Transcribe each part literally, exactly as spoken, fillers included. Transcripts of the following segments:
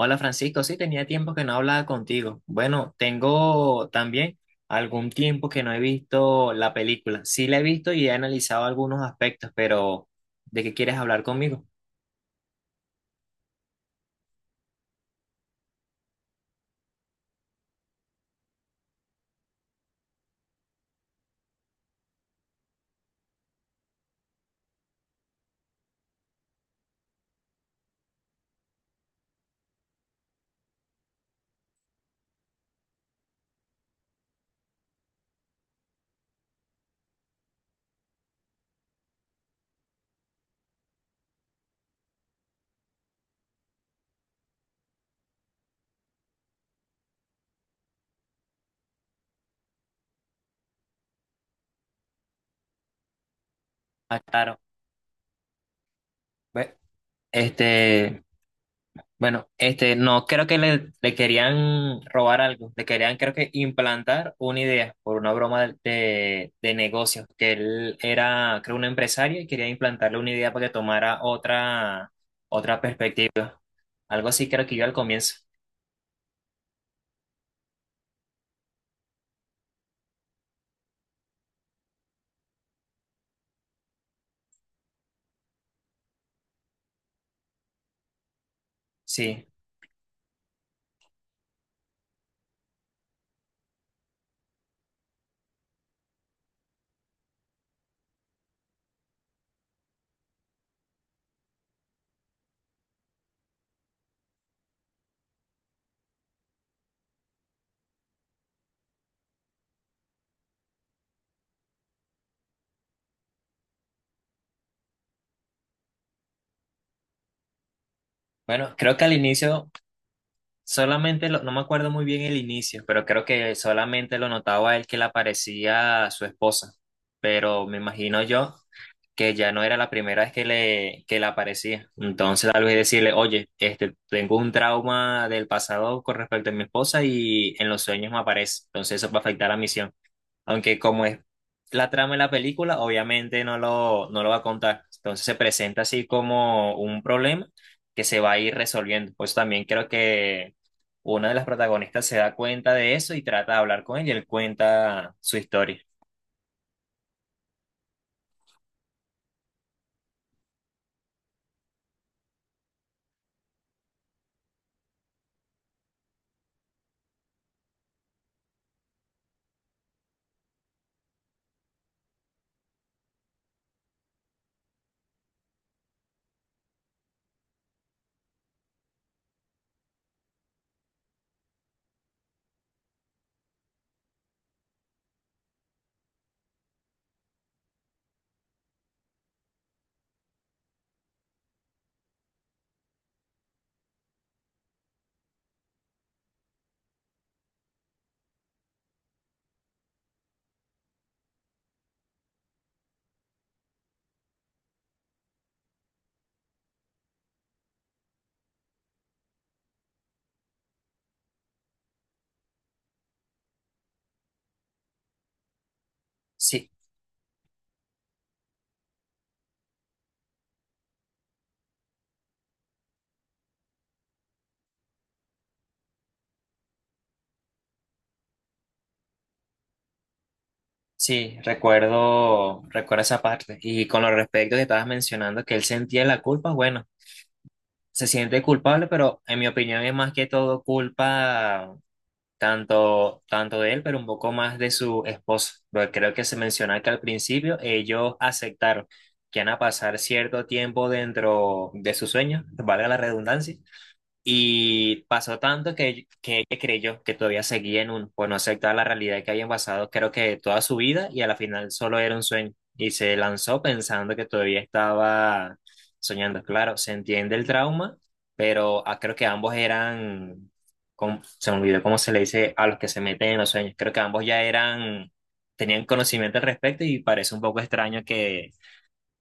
Hola Francisco, sí, tenía tiempo que no hablaba contigo. Bueno, tengo también algún tiempo que no he visto la película. Sí la he visto y he analizado algunos aspectos, pero ¿de qué quieres hablar conmigo? Ah, claro. Ve- Este, bueno, este, no, creo que le, le querían robar algo, le querían creo que implantar una idea por una broma de, de, de negocios, que él era, creo, un empresario y quería implantarle una idea para que tomara otra, otra perspectiva. Algo así creo que yo al comienzo. Sí. Bueno, creo que al inicio solamente lo- no me acuerdo muy bien el inicio, pero creo que solamente lo notaba él que le aparecía a su esposa. Pero me imagino yo que ya no era la primera vez que le, que le aparecía. Entonces tal vez decirle, oye, este, tengo un trauma del pasado con respecto a mi esposa y en los sueños me aparece. Entonces eso va a afectar la misión. Aunque como es la trama de la película, obviamente no lo, no lo va a contar. Entonces se presenta así como un problema que se va a ir resolviendo. Pues también creo que una de las protagonistas se da cuenta de eso y trata de hablar con él y él cuenta su historia. Sí, sí, recuerdo, recuerdo esa parte. Y con lo respecto que estabas mencionando que él sentía la culpa, bueno, se siente culpable, pero en mi opinión es más que todo culpa tanto, tanto de él, pero un poco más de su esposa. Porque creo que se menciona que al principio ellos aceptaron que van a pasar cierto tiempo dentro de su sueño, valga la redundancia, y pasó tanto que, que ella creyó que todavía seguía en uno, pues no aceptaba la realidad que había pasado, creo que toda su vida, y a la final solo era un sueño. Y se lanzó pensando que todavía estaba soñando. Claro, se entiende el trauma, pero ah, creo que ambos eran, com- se me olvidó cómo se le dice a los que se meten en los sueños. Creo que ambos ya eran, tenían conocimiento al respecto y parece un poco extraño que,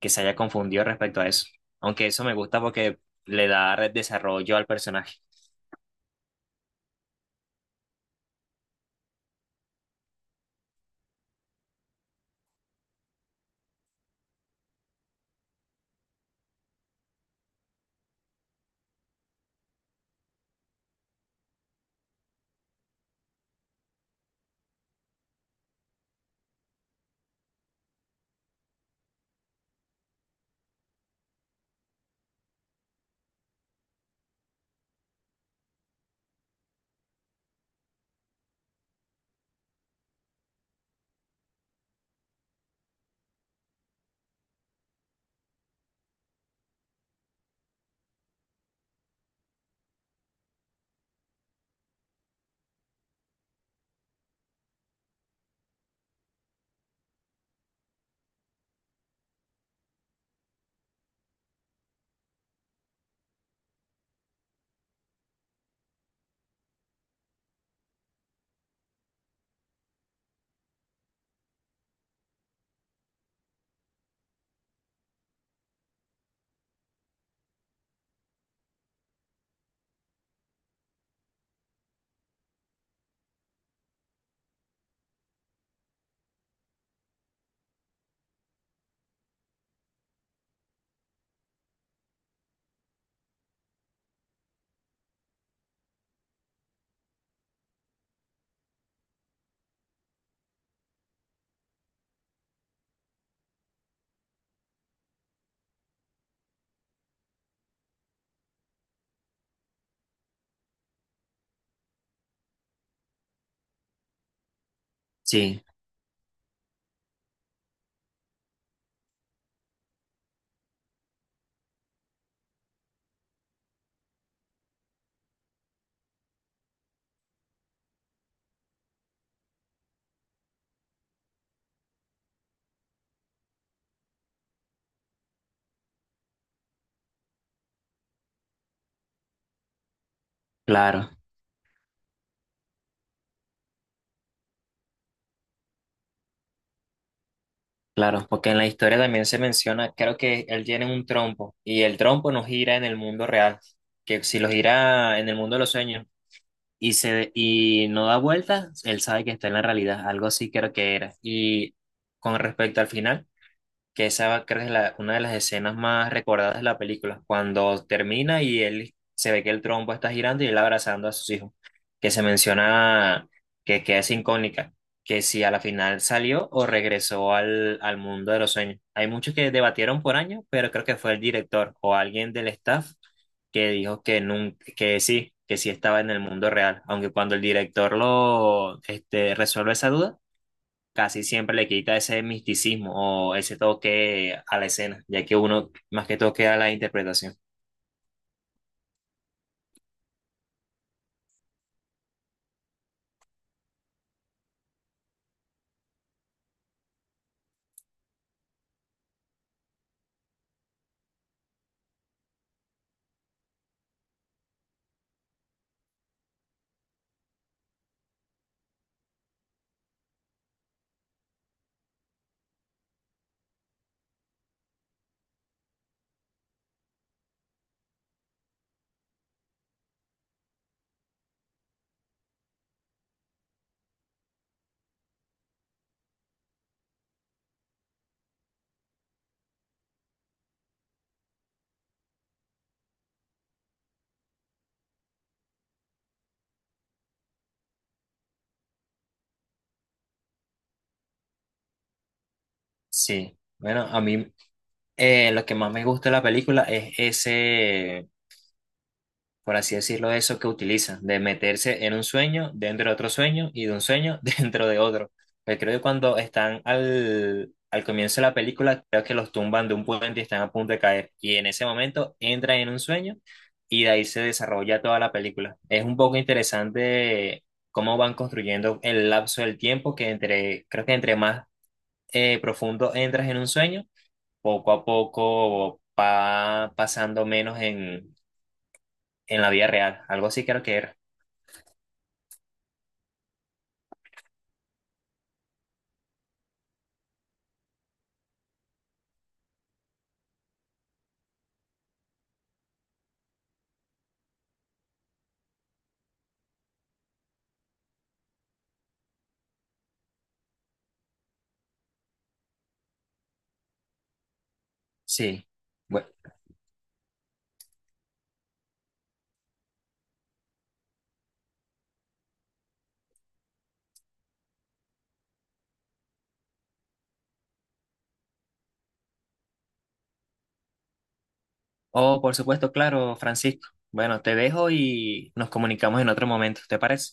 que se haya confundido respecto a eso. Aunque eso me gusta porque le da desarrollo al personaje. Sí, claro, claro, porque en la historia también se menciona, creo que él tiene un trompo y el trompo no gira en el mundo real, que si lo gira en el mundo de los sueños y se y no da vueltas, él sabe que está en la realidad, algo así creo que era. Y con respecto al final, que esa creo que es la- una de las escenas más recordadas de la película, cuando termina y él se ve que el trompo está girando y él abrazando a sus hijos, que se menciona que, que es incógnita, que si a la final salió o regresó al, al mundo de los sueños. Hay muchos que debatieron por años, pero creo que fue el director o alguien del staff que dijo que nun- que sí, que sí estaba en el mundo real, aunque cuando el director lo este, resuelve esa duda casi siempre le quita ese misticismo o ese toque a la escena, ya que uno más que toque a la interpretación. Sí, bueno, a mí eh, lo que más me gusta de la película es ese, por así decirlo, eso que utiliza, de meterse en un sueño, dentro de otro sueño y de un sueño dentro de otro. Porque creo que cuando están al, al comienzo de la película, creo que los tumban de un puente y están a punto de caer. Y en ese momento entran en un sueño y de ahí se desarrolla toda la película. Es un poco interesante cómo van construyendo el lapso del tiempo, que entre, creo que entre más eh, profundo entras en un sueño, poco a poco va pasando menos en, en la vida real, algo así creo que era. Sí. Bueno. Oh, por supuesto, claro, Francisco. Bueno, te dejo y nos comunicamos en otro momento, ¿te parece?